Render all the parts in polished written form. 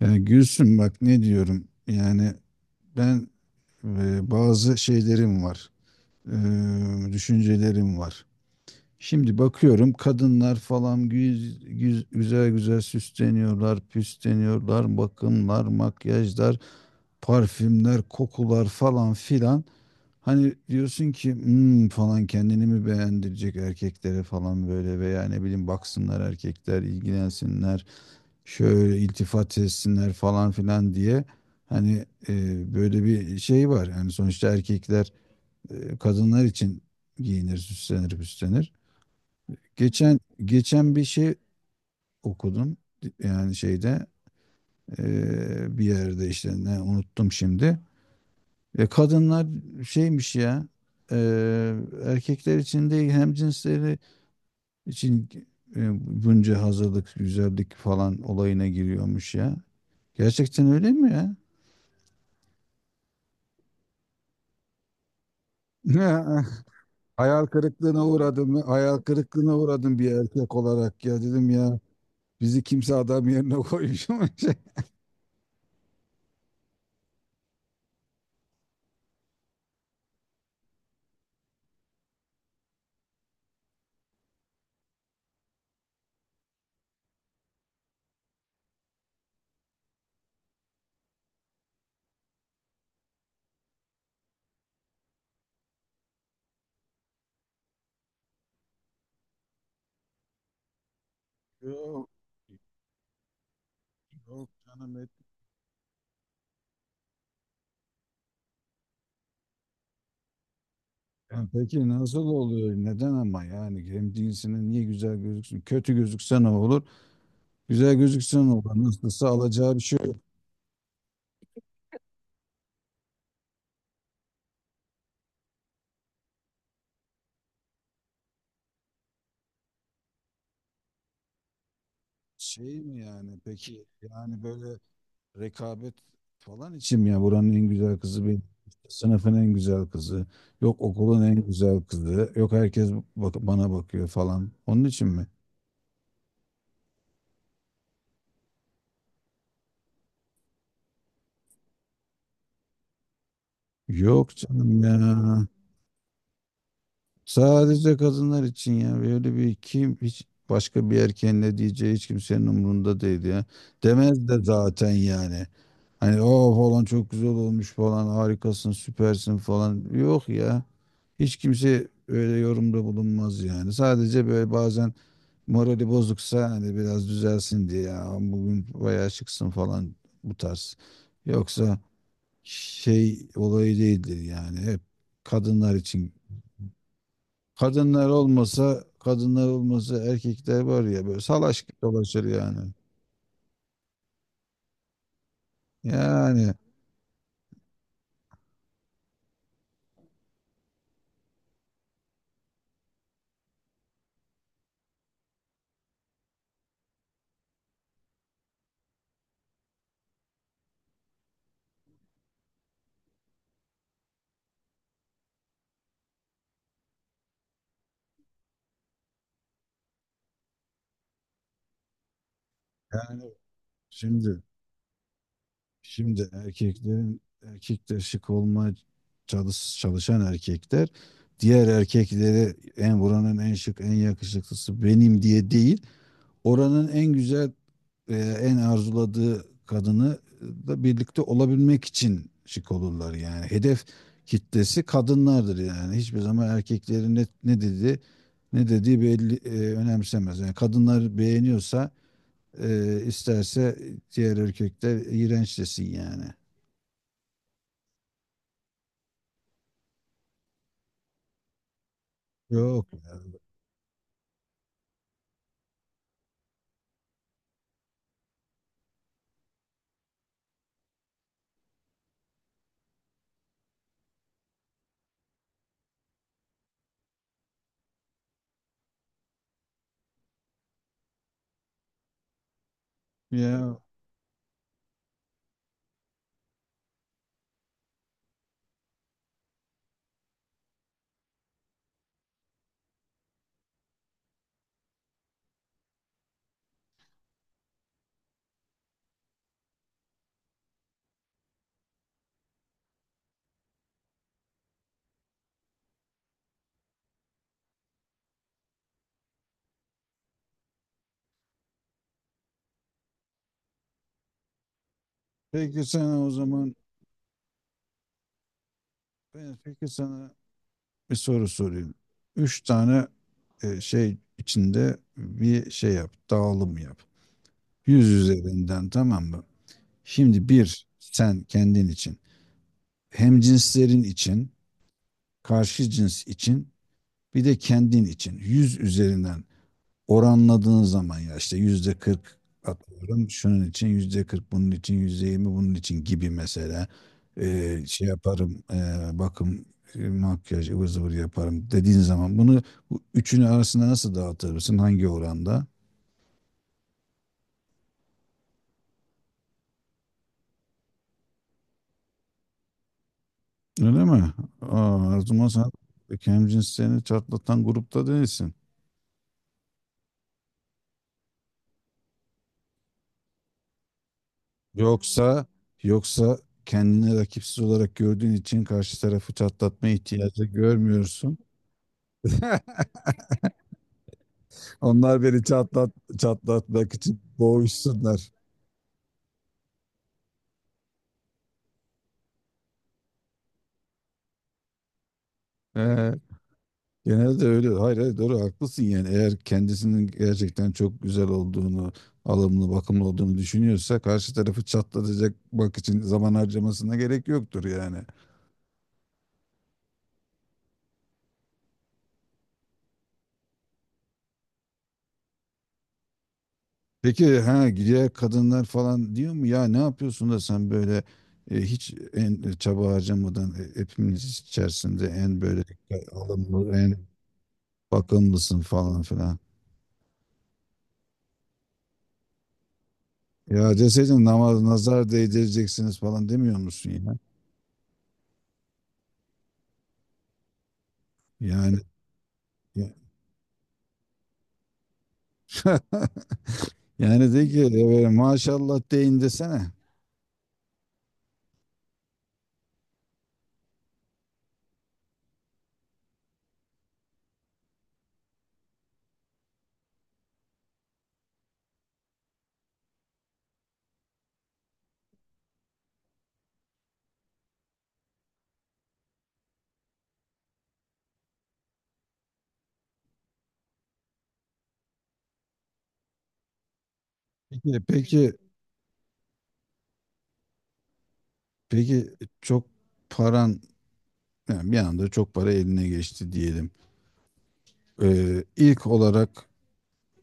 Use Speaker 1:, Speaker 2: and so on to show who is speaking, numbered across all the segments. Speaker 1: Yani Gülsüm bak ne diyorum yani ben bazı şeylerim var, e, düşüncelerim var. Şimdi bakıyorum, kadınlar falan güzel güzel süsleniyorlar, püsleniyorlar, bakımlar, makyajlar, parfümler, kokular falan filan. Hani diyorsun ki "Hmm," falan, kendini mi beğendirecek erkeklere falan böyle, veya ne bileyim baksınlar erkekler, ilgilensinler, şöyle iltifat etsinler falan filan diye, hani böyle bir şey var. Yani sonuçta erkekler kadınlar için giyinir, süslenir, püslenir. Geçen geçen bir şey okudum, yani şeyde, bir yerde işte, ne unuttum şimdi. Kadınlar şeymiş ya, e, erkekler için değil, hem cinsleri için e, bunca hazırlık, güzellik falan olayına giriyormuş ya. Gerçekten öyle mi ya? Ne? Hayal kırıklığına uğradım. Hayal kırıklığına uğradım bir erkek olarak ya, dedim ya. Bizi kimse adam yerine koymuş mu? Yok. Yok canım et. Ya peki nasıl oluyor? Neden ama, yani hem cinsine niye güzel gözüksün? Kötü gözükse ne olur? Güzel gözükse ne olur? Nasılsa alacağı bir şey yok. Şey mi yani peki? Yani böyle rekabet falan için mi ya, buranın en güzel kızı benim, işte sınıfın en güzel kızı, yok okulun en güzel kızı, yok herkes bak bana bakıyor falan. Onun için mi? Yok canım ya. Sadece kadınlar için ya. Böyle bir kim, hiç başka bir erkeğin ne diyeceği hiç kimsenin umurunda değil ya. Demez de zaten yani. Hani o falan çok güzel olmuş falan, harikasın, süpersin falan. Yok ya. Hiç kimse öyle yorumda bulunmaz yani. Sadece böyle bazen morali bozuksa hani biraz düzelsin diye, ya bugün bayağı çıksın falan, bu tarz. Yoksa şey olayı değildir yani, hep kadınlar için. Kadınlar olmasa, kadınlar olmasa erkekler var ya, böyle salaş dolaşır yani. Yani yani şimdi, şimdi erkeklerin, erkekler şık olma, çalışan erkekler, diğer erkekleri, en buranın en şık en yakışıklısı benim diye değil, oranın en güzel en arzuladığı kadını da birlikte olabilmek için şık olurlar. Yani hedef kitlesi kadınlardır, yani hiçbir zaman erkeklerin ne dedi, ne dediği belli, önemsemez yani. Kadınlar beğeniyorsa isterse diğer erkekler iğrenç desin yani. Yok ya. Peki sana o zaman, ben peki sana bir soru sorayım. Üç tane şey içinde bir şey yap, dağılım yap. Yüz üzerinden, tamam mı? Şimdi bir sen kendin için, hem cinslerin için, karşı cins için, bir de kendin için. Yüz üzerinden oranladığın zaman, ya işte yüzde kırk atıyorum şunun için, yüzde kırk bunun için, yüzde yirmi bunun için gibi mesela. Şey yaparım, bakım, makyaj ıvır zıvır yaparım dediğin zaman bunu, bu üçünü arasında nasıl dağıtırsın, hangi oranda? Öyle mi? Aa, o zaman sen kendini çatlatan grupta değilsin. Yoksa yoksa kendini rakipsiz olarak gördüğün için karşı tarafı çatlatma ihtiyacı görmüyorsun. Onlar beni çatlatmak için boğuşsunlar. Ee, genelde öyle. Hayır, hayır, doğru, haklısın yani. Eğer kendisinin gerçekten çok güzel olduğunu, alımlı, bakımlı olduğunu düşünüyorsa, karşı tarafı çatlatacak bak için zaman harcamasına gerek yoktur yani. Peki ha, diğer kadınlar falan diyor mu ya, ne yapıyorsun da sen böyle hiç en çaba harcamadan hepimiz içerisinde en böyle alımlı, en bakımlısın falan filan. Ya deseydin, namaz nazar değdireceksiniz falan demiyor musun ya? Yani ya- yani de ki "Evet, maşallah deyin" desene. Peki peki peki çok paran, yani bir anda çok para eline geçti diyelim. İlk olarak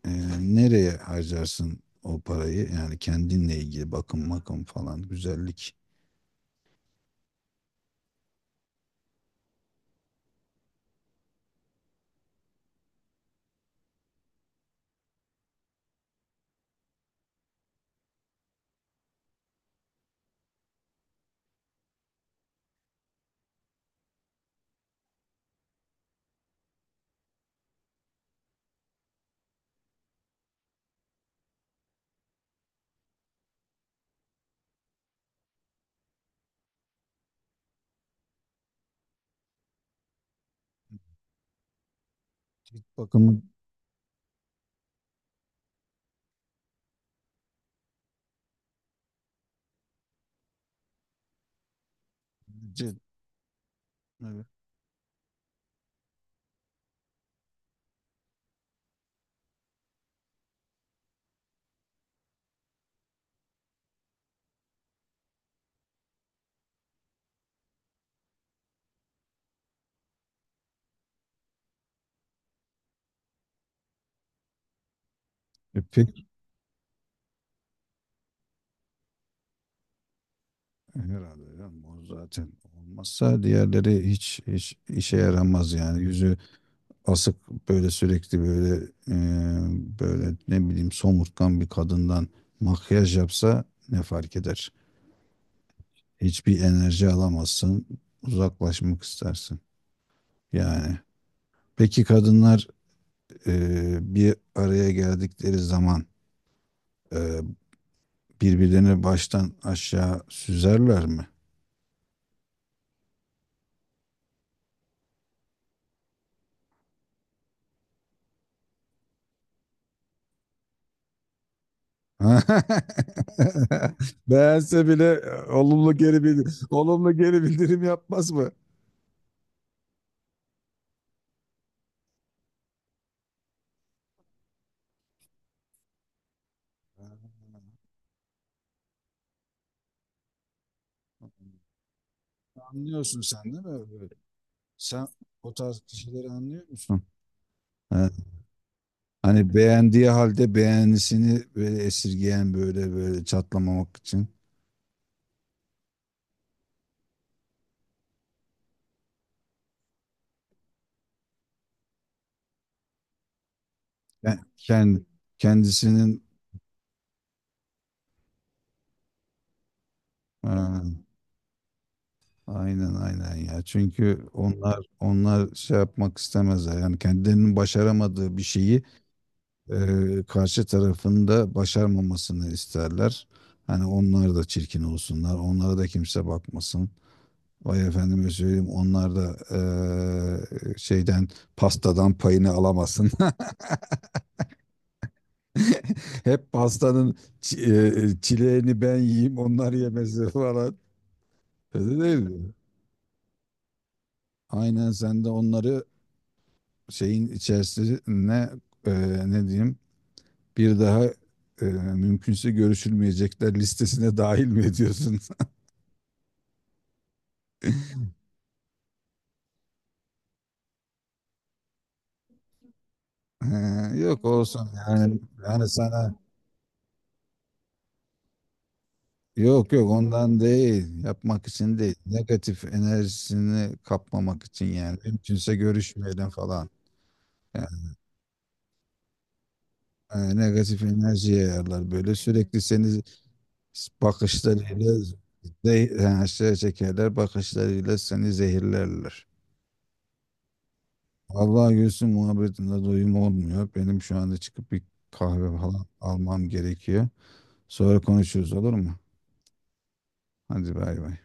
Speaker 1: e, nereye harcarsın o parayı? Yani kendinle ilgili, bakım makım falan, güzellik bakımı. Evet. E, herhalde canım, o zaten olmazsa diğerleri hiç işe yaramaz yani. Yüzü asık, böyle sürekli böyle böyle ne bileyim somurtkan bir kadından, makyaj yapsa ne fark eder? Hiçbir enerji alamazsın, uzaklaşmak istersin yani. Peki kadınlar bir araya geldikleri zaman e, birbirlerini baştan aşağı süzerler mi? Beğense bile olumlu geri bildirim, olumlu geri bildirim yapmaz mı? Anlıyorsun sen, değil mi? Böyle. Sen o tarz kişileri anlıyor musun? Ha. Hani beğendiği halde beğenisini böyle esirgeyen, böyle böyle çatlamamak için. Ben, kendisinin, ha, aynen aynen ya. Çünkü onlar, onlar şey yapmak istemezler. Yani kendilerinin başaramadığı bir şeyi e, karşı tarafında başarmamasını isterler. Hani onlar da çirkin olsunlar, onlara da kimse bakmasın. Vay efendime söyleyeyim, onlar da şeyden, pastadan payını alamasın. Hep pastanın çileğini ben yiyeyim, onlar yemesin falan. Öyle değil mi? Aynen, sen de onları şeyin içerisine, e, ne diyeyim, bir daha mümkünse görüşülmeyecekler listesine dahil mi ediyorsun? Ee, yok olsun yani, yani sana yok yok, ondan değil, yapmak için değil, negatif enerjisini kapmamak için yani, mümkünse görüşmeyelim falan. Yani negatif enerji yayarlar böyle sürekli, seni bakışlarıyla yani şey çekerler, bakışlarıyla seni zehirlerler. Vallahi Gülsüm, muhabbetinde doyum olmuyor, benim şu anda çıkıp bir kahve falan almam gerekiyor, sonra konuşuruz, olur mu? Hadi bay bay.